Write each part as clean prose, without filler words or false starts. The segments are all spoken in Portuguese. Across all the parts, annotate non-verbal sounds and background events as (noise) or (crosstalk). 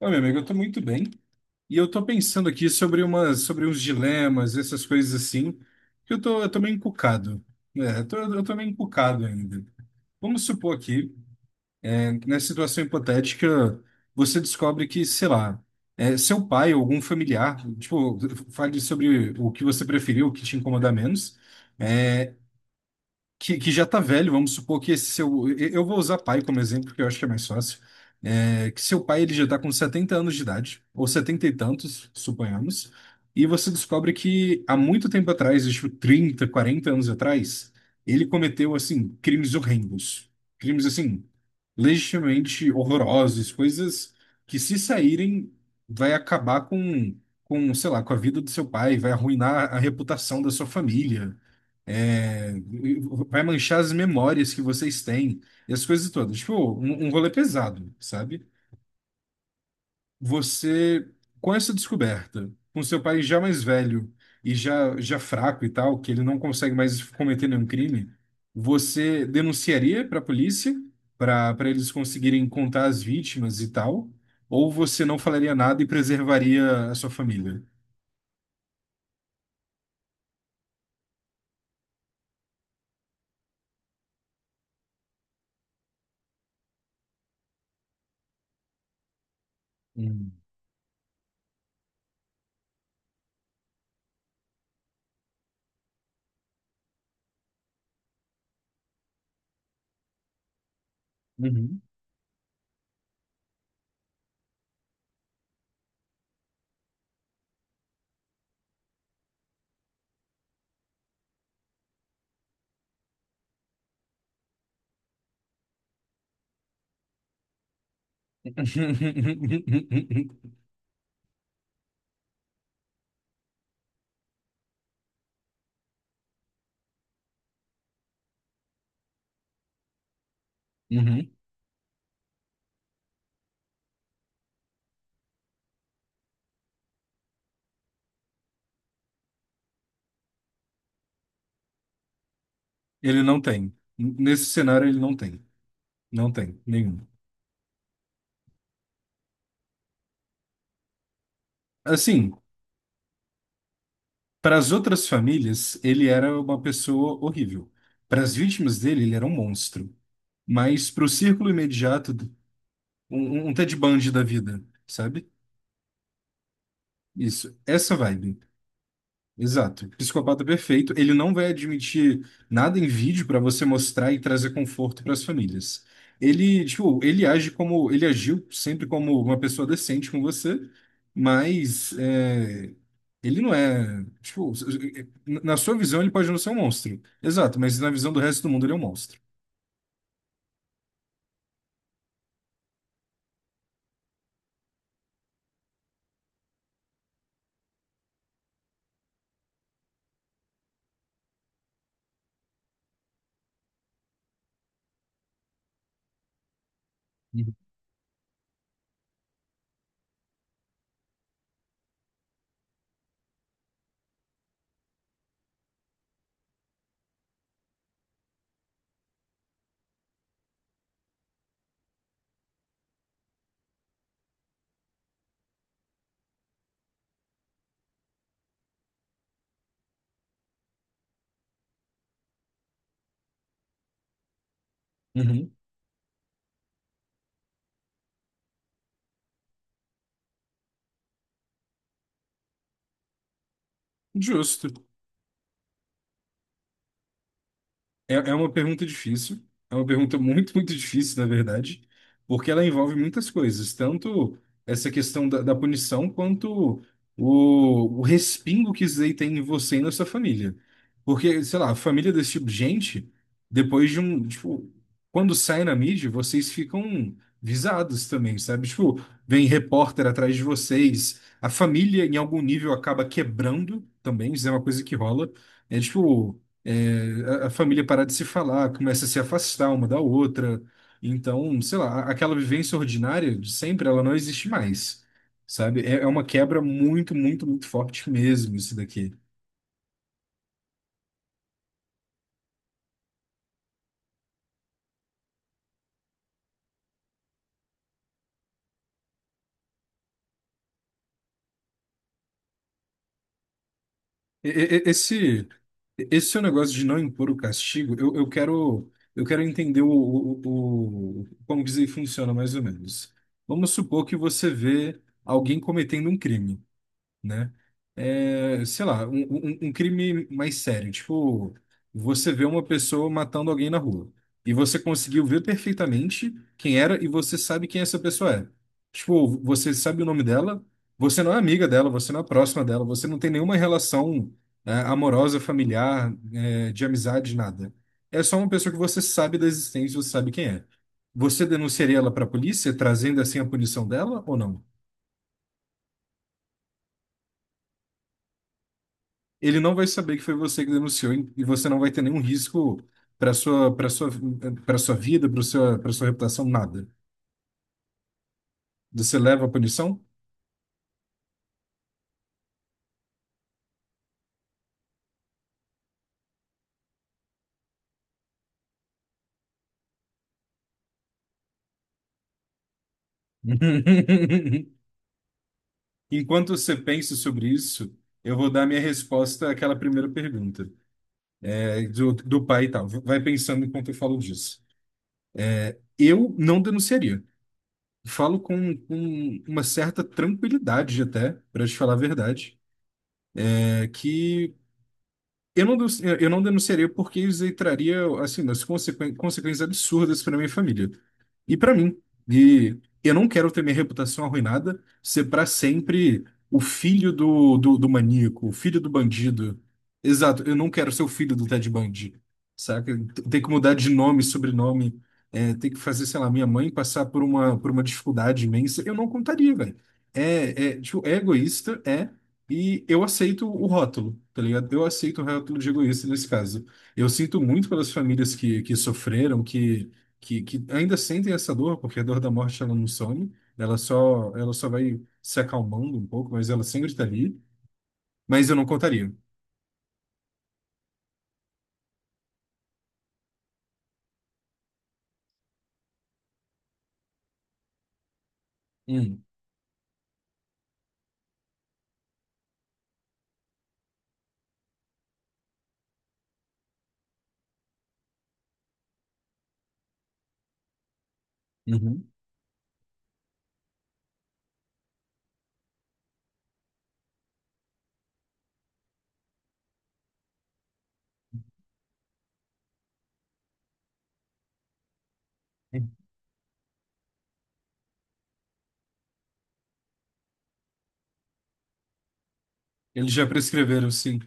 Ô, meu amigo, eu tô muito bem. E eu tô pensando aqui sobre sobre uns dilemas, essas coisas assim, que eu tô meio encucado. É, eu tô meio encucado ainda. Vamos supor aqui, né, nessa situação hipotética, você descobre que, sei lá, seu pai ou algum familiar, tipo, fale sobre o que você preferiu, o que te incomoda menos, é, que já tá velho, vamos supor que esse seu. Eu vou usar pai como exemplo, porque eu acho que é mais fácil. É, que seu pai ele já tá com 70 anos de idade, ou 70 e tantos, suponhamos, e você descobre que há muito tempo atrás, tipo 30, 40 anos atrás, ele cometeu, assim, crimes horrendos. Crimes, assim, legitimamente horrorosos, coisas que, se saírem, vai acabar com, sei lá, com a vida do seu pai, vai arruinar a reputação da sua família. É, Vai manchar as memórias que vocês têm e as coisas todas. Tipo, um rolê pesado, sabe? Você, com essa descoberta, com seu pai já mais velho e já, já fraco e tal, que ele não consegue mais cometer nenhum crime, você denunciaria para a polícia, para eles conseguirem contar as vítimas e tal, ou você não falaria nada e preservaria a sua família? Hum. Uhum. (laughs) Uhum. Ele não tem. Nesse cenário, ele não tem. Não tem nenhum. Assim, para as outras famílias, ele era uma pessoa horrível. Para as vítimas dele, ele era um monstro. Mas para o círculo imediato, um, um Ted Bundy da vida, sabe? Isso, essa vibe. Exato. Psicopata é perfeito. Ele não vai admitir nada em vídeo para você mostrar e trazer conforto para as famílias. Ele, tipo, ele agiu sempre como uma pessoa decente com você, mas é, ele não é, tipo, na sua visão ele pode não ser um monstro. Exato, mas na visão do resto do mundo ele é um monstro. Uhum. Uhum. Justo. É uma pergunta difícil. É uma pergunta muito, muito difícil, na verdade, porque ela envolve muitas coisas, tanto essa questão da punição, quanto o respingo que isso daí tem em você e na sua família. Porque, sei lá, a família desse tipo de gente, depois de um, tipo, quando sai na mídia, vocês ficam visados também, sabe? Tipo, vem repórter atrás de vocês, a família, em algum nível, acaba quebrando também, isso é uma coisa que rola. É tipo. É, a família parar de se falar, começa a se afastar uma da outra. Então, sei lá, aquela vivência ordinária de sempre, ela não existe mais, sabe? É, é uma quebra muito, muito, muito forte mesmo, isso daqui. E- e- e- Esse, esse seu negócio de não impor o castigo, eu quero entender como dizer, funciona mais ou menos. Vamos supor que você vê alguém cometendo um crime. Né? É, sei lá, um crime mais sério. Tipo, você vê uma pessoa matando alguém na rua e você conseguiu ver perfeitamente quem era e você sabe quem essa pessoa é. Tipo, você sabe o nome dela, você não é amiga dela, você não é próxima dela, você não tem nenhuma relação, é, amorosa, familiar, é, de amizade, nada. É só uma pessoa que você sabe da existência, você sabe quem é. Você denunciaria ela para a polícia, trazendo assim a punição dela ou não? Ele não vai saber que foi você que denunciou e você não vai ter nenhum risco para sua para sua para sua vida, para sua reputação, nada. Você leva a punição? (laughs) Enquanto você pensa sobre isso, eu vou dar minha resposta àquela primeira pergunta, do pai e tal. Vai pensando enquanto eu falo disso. Eu não denunciaria. Falo com uma certa tranquilidade até, para te falar a verdade, é que Eu não denunciaria porque isso aí traria, assim, umas consequências absurdas para minha família. E para mim. E eu não quero ter minha reputação arruinada, ser para sempre o filho do maníaco, o filho do bandido. Exato, eu não quero ser o filho do Ted Bundy, saca? Ter que mudar de nome, sobrenome, é, ter que fazer, sei lá, minha mãe passar por uma dificuldade imensa. Eu não contaria, velho. É, é, tipo, é egoísta, e eu aceito o rótulo, tá ligado? Eu aceito o rótulo de egoísta nesse caso. Eu sinto muito pelas famílias que sofreram, que ainda sentem essa dor, porque a dor da morte ela não some, ela só vai se acalmando um pouco, mas ela sempre está ali. Mas eu não contaria. Hum, uhum. Eles já prescreveram, sim.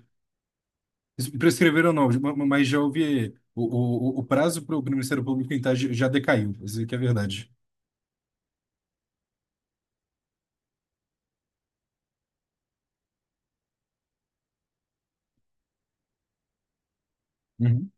Prescreveram não, mas já houve. O prazo para o Ministério Público tentar já decaiu, isso que é verdade. Uhum,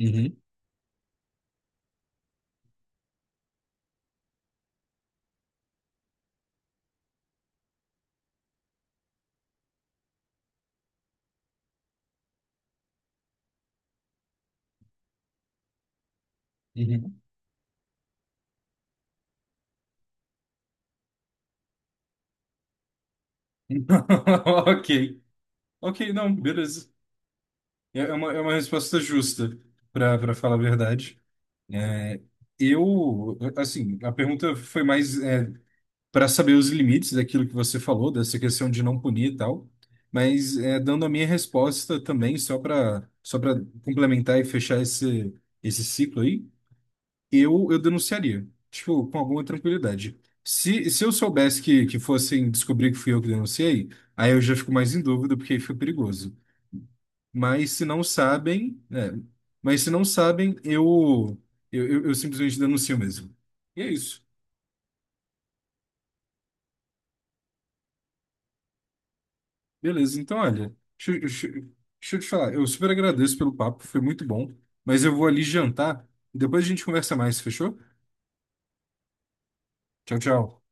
uhum, uhum. (laughs) Ok. Ok, não, beleza. É uma resposta justa, para falar a verdade. É, eu, assim, a pergunta foi mais para saber os limites daquilo que você falou, dessa questão de não punir e tal, mas é, dando a minha resposta também, só para complementar e fechar esse, esse ciclo aí, eu denunciaria, tipo, com alguma tranquilidade. Se eu soubesse que fossem descobrir que fui eu que denunciei, aí eu já fico mais em dúvida, porque aí fica perigoso. Mas se não sabem, é, mas se não sabem, eu simplesmente denuncio mesmo. E é isso. Beleza, então olha, deixa eu te falar, eu super agradeço pelo papo, foi muito bom, mas eu vou ali jantar, depois a gente conversa mais, fechou? Tchau, tchau.